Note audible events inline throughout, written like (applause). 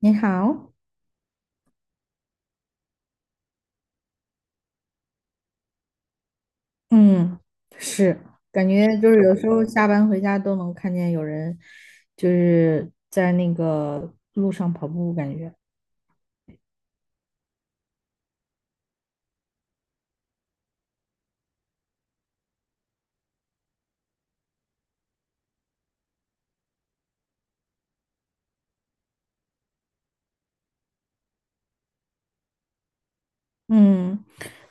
你好，嗯，是，感觉就是有时候下班回家都能看见有人就是在那个路上跑步，感觉，嗯，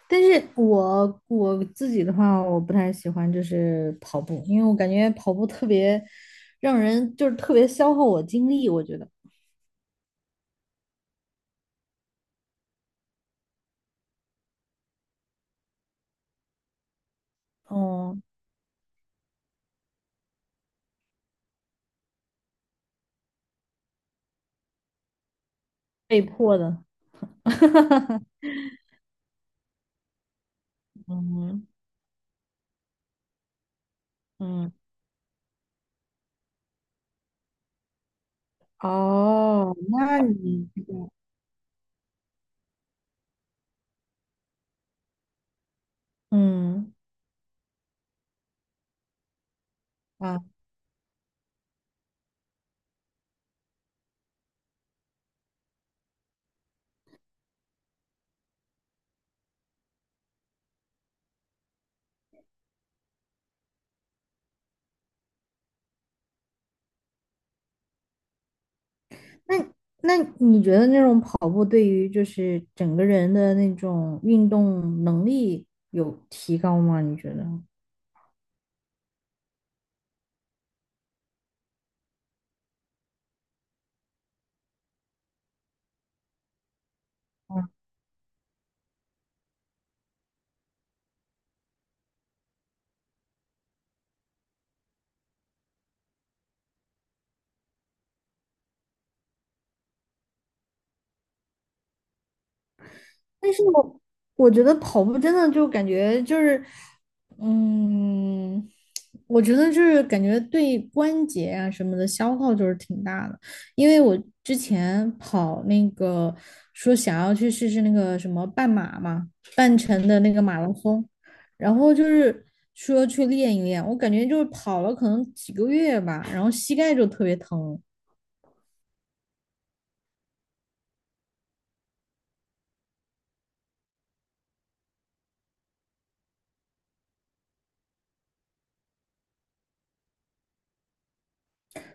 但是我自己的话，我不太喜欢就是跑步，因为我感觉跑步特别让人就是特别消耗我精力，我觉得。哦，被迫的。(laughs) 嗯嗯。哦，那你这个嗯啊。那那你觉得那种跑步对于就是整个人的那种运动能力有提高吗？你觉得？但是我觉得跑步真的就感觉就是，嗯，我觉得就是感觉对关节啊什么的消耗就是挺大的，因为我之前跑那个，说想要去试试那个什么半马嘛，半程的那个马拉松，然后就是说去练一练，我感觉就是跑了可能几个月吧，然后膝盖就特别疼。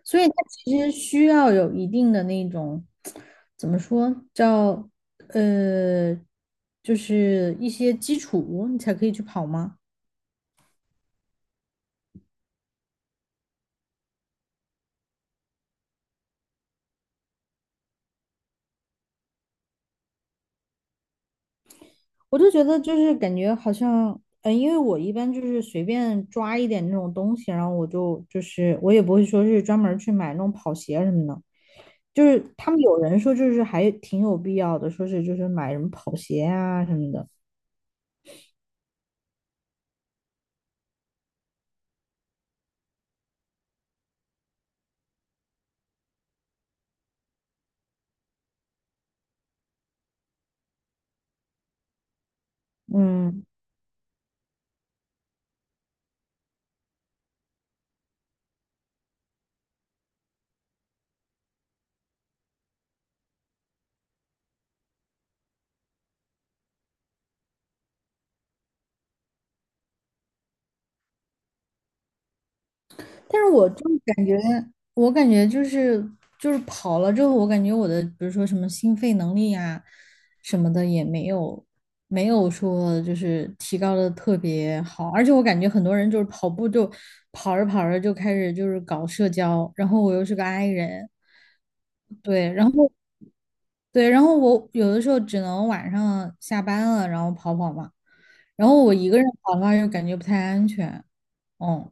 所以它其实需要有一定的那种，怎么说，叫呃，就是一些基础，你才可以去跑吗？我就觉得就是感觉好像，因为我一般就是随便抓一点那种东西，然后我就是我也不会说是专门儿去买那种跑鞋什么的，就是他们有人说就是还挺有必要的，说是就是买什么跑鞋啊什么的。嗯。但是我就感觉，我感觉就是跑了之后，我感觉我的比如说什么心肺能力呀、什么的也没有说就是提高的特别好，而且我感觉很多人就是跑步就跑着跑着就开始就是搞社交，然后我又是个 i 人。对。然后我有的时候只能晚上下班了然后跑跑嘛，然后我一个人跑的话又感觉不太安全。嗯。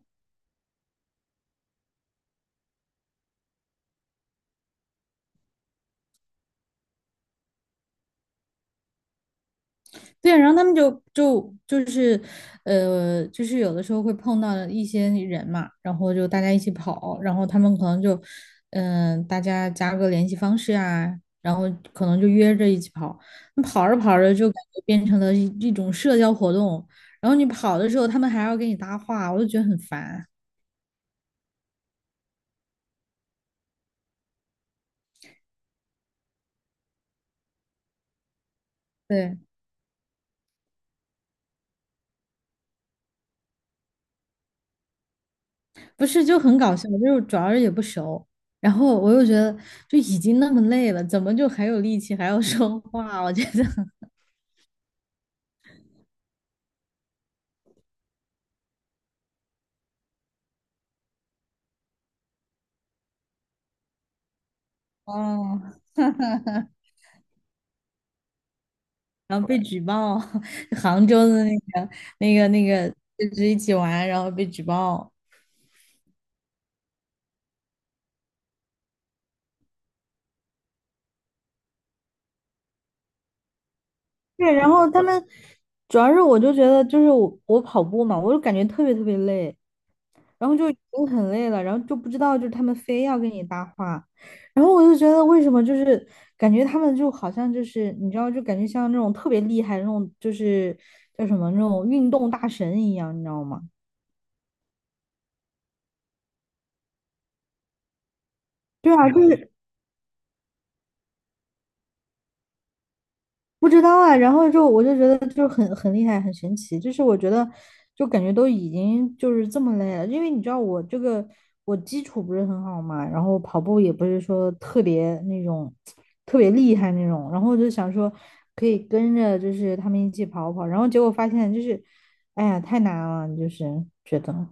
对，然后他们就是有的时候会碰到一些人嘛，然后就大家一起跑，然后他们可能就，嗯、大家加个联系方式啊，然后可能就约着一起跑。那跑着跑着就感觉变成了一种社交活动，然后你跑的时候他们还要给你搭话，我就觉得很烦。对，不是就很搞笑，就是主要是也不熟，然后我又觉得就已经那么累了，怎么就还有力气还要说话？我觉得。(laughs) 哦。然后被举报。(laughs) 杭州的那个，就是一起玩，然后被举报。对，然后他们主要是我就觉得就是我跑步嘛，我就感觉特别特别累，然后就已经很累了，然后就不知道就是他们非要跟你搭话，然后我就觉得为什么就是感觉他们就好像就是你知道就感觉像那种特别厉害那种就是叫什么那种运动大神一样，你知道吗？对啊，就是不知道啊，然后就我就觉得就是很厉害，很神奇，就是我觉得就感觉都已经就是这么累了，因为你知道我这个我基础不是很好嘛，然后跑步也不是说特别那种特别厉害那种，然后我就想说可以跟着就是他们一起跑跑，然后结果发现就是哎呀太难了，就是觉得。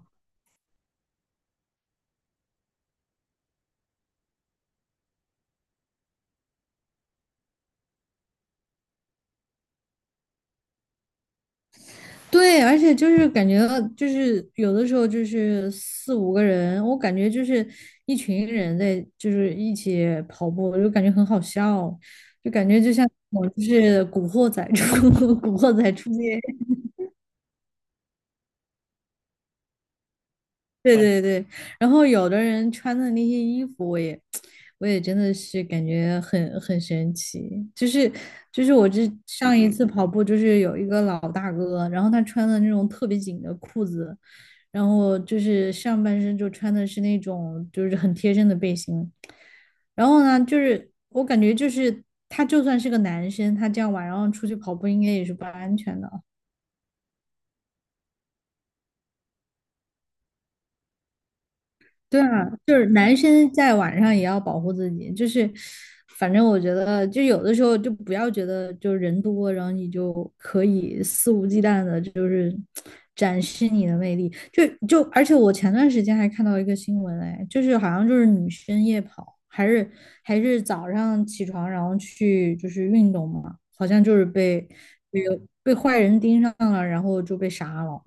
对，而且就是感觉到，就是有的时候就是四五个人，我感觉就是一群人在就是一起跑步，我就感觉很好笑，就感觉就像我就是古惑仔出 (laughs) 古惑仔出街。对对对。然后有的人穿的那些衣服，我也，(tsk) 我也真的是感觉很神奇。就是就是我这上一次跑步，就是有一个老大哥，然后他穿的那种特别紧的裤子，然后就是上半身就穿的是那种就是很贴身的背心，然后呢，就是我感觉就是他就算是个男生，他这样晚上出去跑步应该也是不安全的。对啊，就是男生在晚上也要保护自己，就是反正我觉得，就有的时候就不要觉得就人多，然后你就可以肆无忌惮的，就是展示你的魅力。而且我前段时间还看到一个新闻，哎，就是好像就是女生夜跑，还是早上起床然后去就是运动嘛，好像就是被被坏人盯上了，然后就被杀了。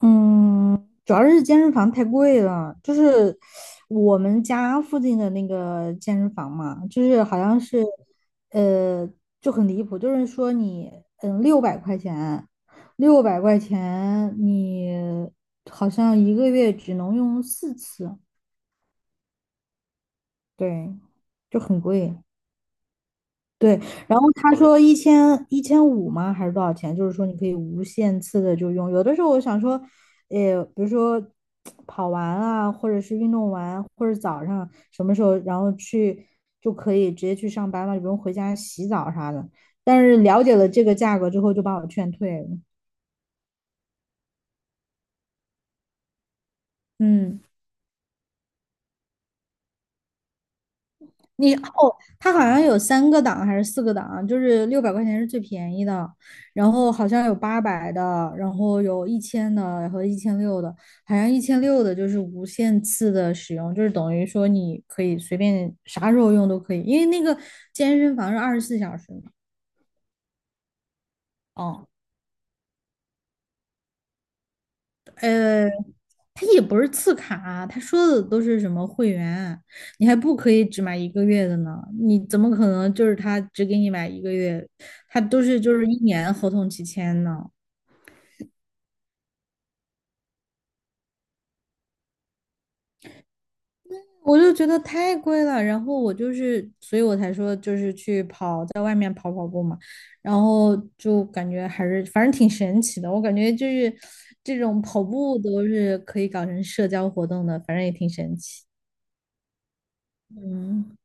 嗯，主要是健身房太贵了，就是我们家附近的那个健身房嘛，就是好像是，呃，就很离谱，就是说你，嗯，六百块钱，六百块钱，你好像1个月只能用4次。对，就很贵。对，然后他嗯说1000、1500吗？还是多少钱？就是说你可以无限次的就用。有的时候我想说，比如说 (tsk) 跑完啊，或者是运动完，或者早上什么时候，然后去就可以直接去上班了，也不用回家洗澡啥的。但是了解了这个价格之后，就把我劝退了。嗯。你哦，它好像有3个档还是4个档，就是六百块钱是最便宜的，然后好像有800的，然后有1000的和1600的，好像一千六的就是无限次的使用，就是等于说你可以随便啥时候用都可以，因为那个健身房是24小时嘛。哦，呃，他也不是次卡啊，他说的都是什么会员，你还不可以只买一个月的呢？你怎么可能就是他只给你买一个月？他都是就是1年合同期签呢，我就觉得太贵了。然后我就是，所以我才说就是去跑，在外面跑，然后就感觉还是反正挺神奇的。我感觉就是这种跑步都是可以搞成社交活动的，反正也挺神奇。嗯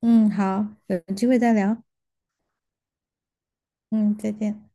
嗯。好，有机会再聊。嗯，再见。